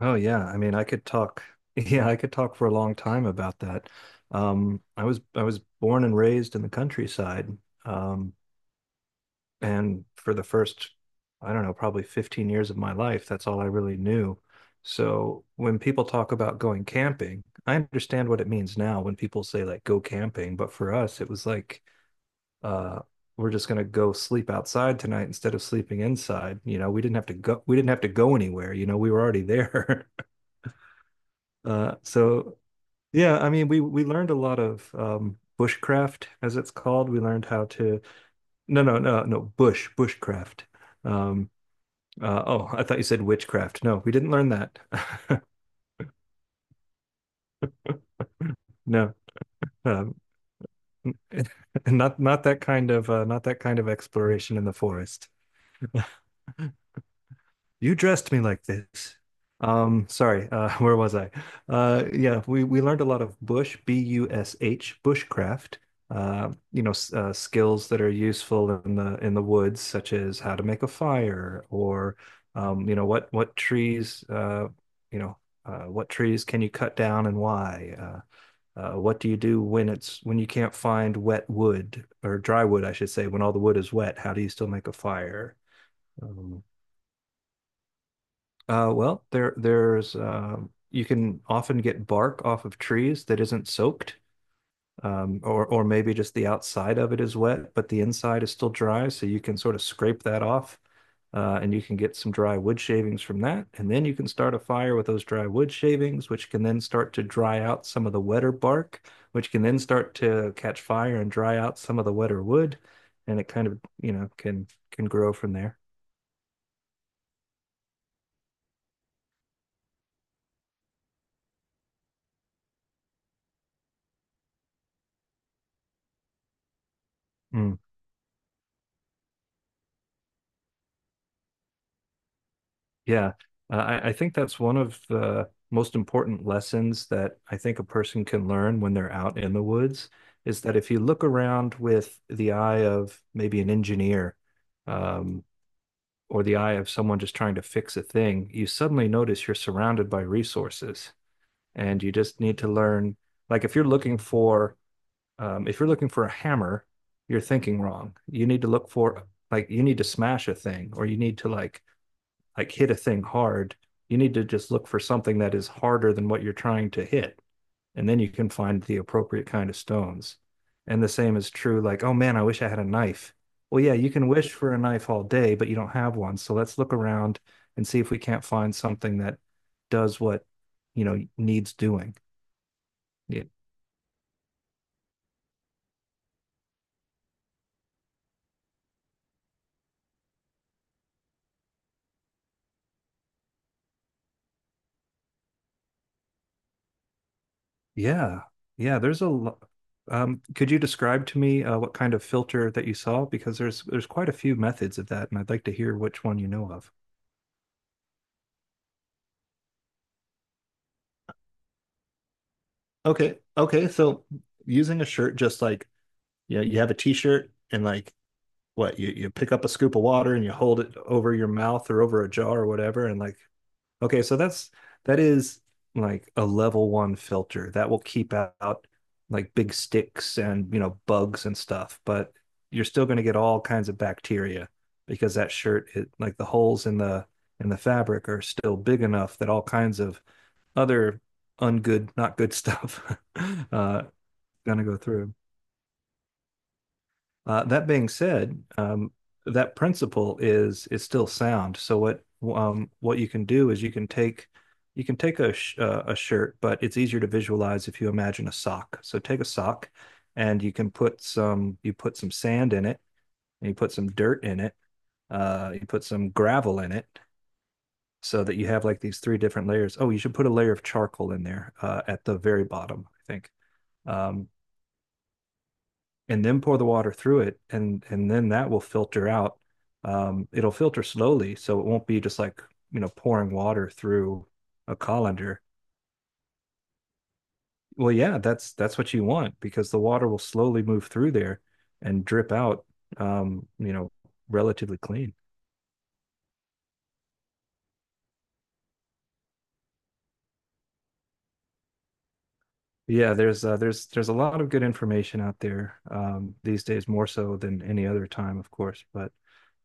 Oh yeah, I mean I could talk yeah, I could talk for a long time about that. I was born and raised in the countryside. Um and for the first, I don't know, probably 15 years of my life, that's all I really knew. So when people talk about going camping, I understand what it means now when people say like go camping, but for us it was like uh we're just going to go sleep outside tonight instead of sleeping inside. We didn't have to go we didn't have to go anywhere, we were already there. Uh, so Yeah, I mean, we learned a lot of bushcraft, as it's called. We learned how to. No, no, no, no, bushcraft. Um, oh, I thought you said witchcraft. No, we didn't learn that. No, um, not that kind of exploration in the forest. You dressed me like this. Sorry. Where was I? Yeah, we learned a lot of bush, bush, bushcraft. Skills that are useful in the woods, such as how to make a fire. Or um, you know, what what trees, uh, you know, what trees can you cut down and why? What do you do when it's when you can't find wet wood or dry wood, I should say, when all the wood is wet? How do you still make a fire? Um, well, there there's you can often get bark off of trees that isn't soaked. Or maybe just the outside of it is wet, but the inside is still dry, so you can sort of scrape that off, and you can get some dry wood shavings from that, and then you can start a fire with those dry wood shavings, which can then start to dry out some of the wetter bark, which can then start to catch fire and dry out some of the wetter wood, and it kind of, can grow from there. Mm. Yeah, I think that's one of the most important lessons that I think a person can learn when they're out in the woods is that if you look around with the eye of maybe an engineer, um, or the eye of someone just trying to fix a thing, you suddenly notice you're surrounded by resources and you just need to learn. Like if you're looking for a hammer, you're thinking wrong. You need to look for, like, you need to smash a thing, or you need to like hit a thing hard. You need to just look for something that is harder than what you're trying to hit. And then you can find the appropriate kind of stones. And the same is true, like, oh man, I wish I had a knife. Well, yeah, you can wish for a knife all day, but you don't have one. So let's look around and see if we can't find something that does what needs doing. Yeah. Yeah. Yeah. There's a lot. Could you describe to me what kind of filter that you saw? Because there's quite a few methods of that, and I'd like to hear which one you know of. Okay. Okay. So using a shirt, just like, yeah, you have a t-shirt, and like what you pick up a scoop of water and you hold it over your mouth or over a jar or whatever. And like, okay, so that is like a level one filter that will keep out like big sticks and bugs and stuff, but you're still going to get all kinds of bacteria because that shirt, it like the holes in the fabric are still big enough that all kinds of other ungood, not good stuff uh, going to go through. That being said, that principle is still sound. So what you can do is you can take a a shirt, but it's easier to visualize if you imagine a sock. So take a sock, and you put some sand in it, and you put some dirt in it, you put some gravel in it, so that you have like these three different layers. Oh, you should put a layer of charcoal in there at the very bottom, I think. Um, and then pour the water through it, and then that will filter out. It'll filter slowly, so it won't be just like pouring water through a colander. Well, yeah, that's what you want because the water will slowly move through there and drip out. Um, you know, Relatively clean. Yeah, there's a lot of good information out there these days, more so than any other time, of course. But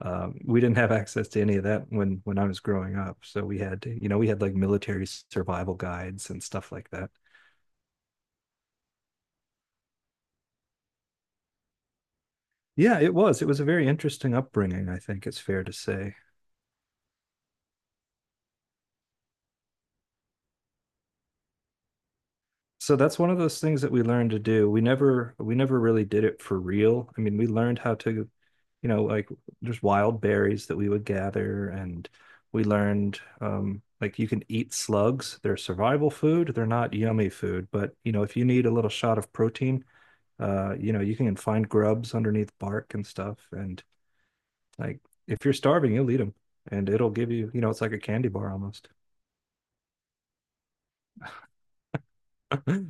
we didn't have access to any of that when I was growing up. So we had like military survival guides and stuff like that. Yeah, it was. It was a very interesting upbringing, I think it's fair to say. So that's one of those things that we learned to do. We never really did it for real. I mean, we learned how to, like there's wild berries that we would gather. And we learned like you can eat slugs. They're survival food. They're not yummy food, but, if you need a little shot of protein, you can find grubs underneath bark and stuff, and like if you're starving, you'll eat them, and it'll give you, it's like a candy bar almost.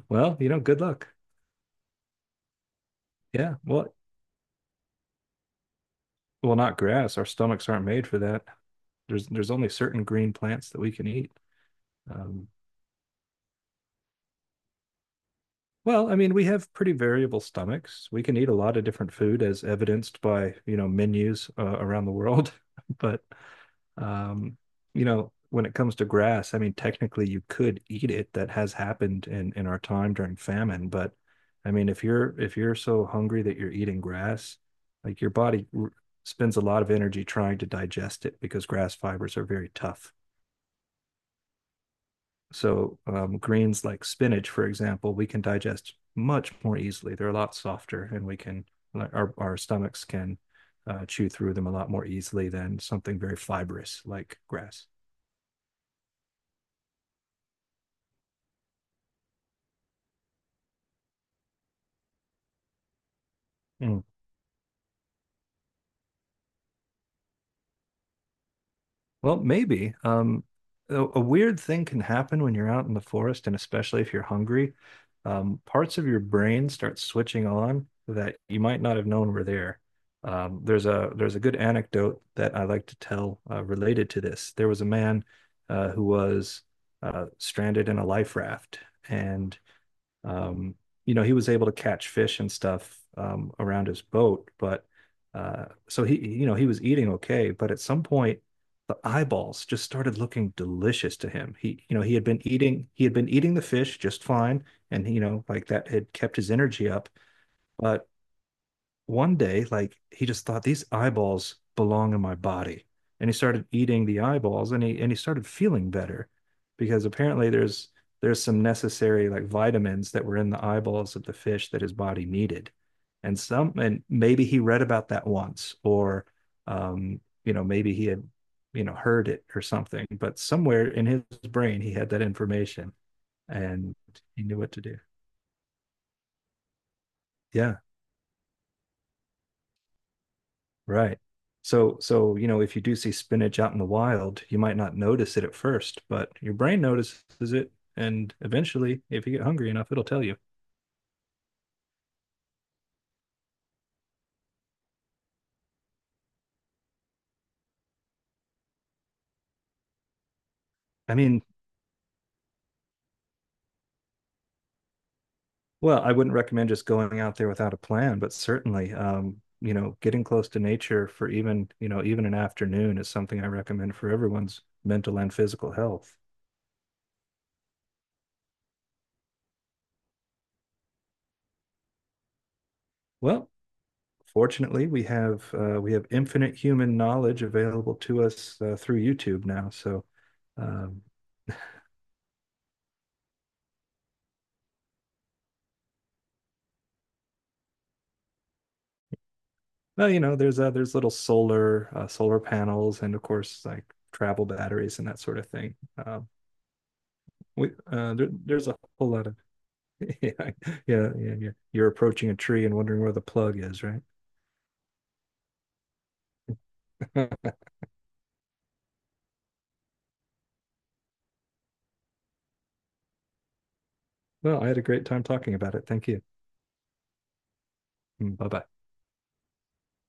Well, good luck. Yeah. Well, not grass. Our stomachs aren't made for that. There's only certain green plants that we can eat. Um, well, I mean, we have pretty variable stomachs. We can eat a lot of different food, as evidenced by menus around the world. But um, when it comes to grass, I mean, technically you could eat it. That has happened in our time during famine. But I mean, if you're so hungry that you're eating grass, like your body spends a lot of energy trying to digest it because grass fibers are very tough. So greens like spinach, for example, we can digest much more easily. They're a lot softer, and we can, like, our stomachs can chew through them a lot more easily than something very fibrous like grass. Mm. Well, maybe. A weird thing can happen when you're out in the forest, and especially if you're hungry. Parts of your brain start switching on that you might not have known were there. There's a there's a good anecdote that I like to tell related to this. There was a man who was stranded in a life raft, and um, he was able to catch fish and stuff around his boat. But so he was eating okay. But at some point, the eyeballs just started looking delicious to him. He had been eating the fish just fine, and, like that had kept his energy up. But one day, like he just thought these eyeballs belong in my body. And he started eating the eyeballs, and he started feeling better because apparently there's some necessary, like, vitamins that were in the eyeballs of the fish that his body needed. And maybe he read about that once, or maybe he had, heard it or something, but somewhere in his brain he had that information and he knew what to do. Yeah. Right. So, if you do see spinach out in the wild, you might not notice it at first, but your brain notices it. And eventually, if you get hungry enough, it'll tell you. I mean, well, I wouldn't recommend just going out there without a plan, but certainly, getting close to nature for even, even an afternoon is something I recommend for everyone's mental and physical health. Well, fortunately, we have infinite human knowledge available to us through YouTube now. So. um, Well, there's little solar solar panels, and of course like travel batteries and that sort of thing. Um, there's a whole lot of yeah, yeah, yeah, yeah. You're approaching a tree and wondering where the plug is, right? Well, I had a great time talking about it. Thank you. Bye bye.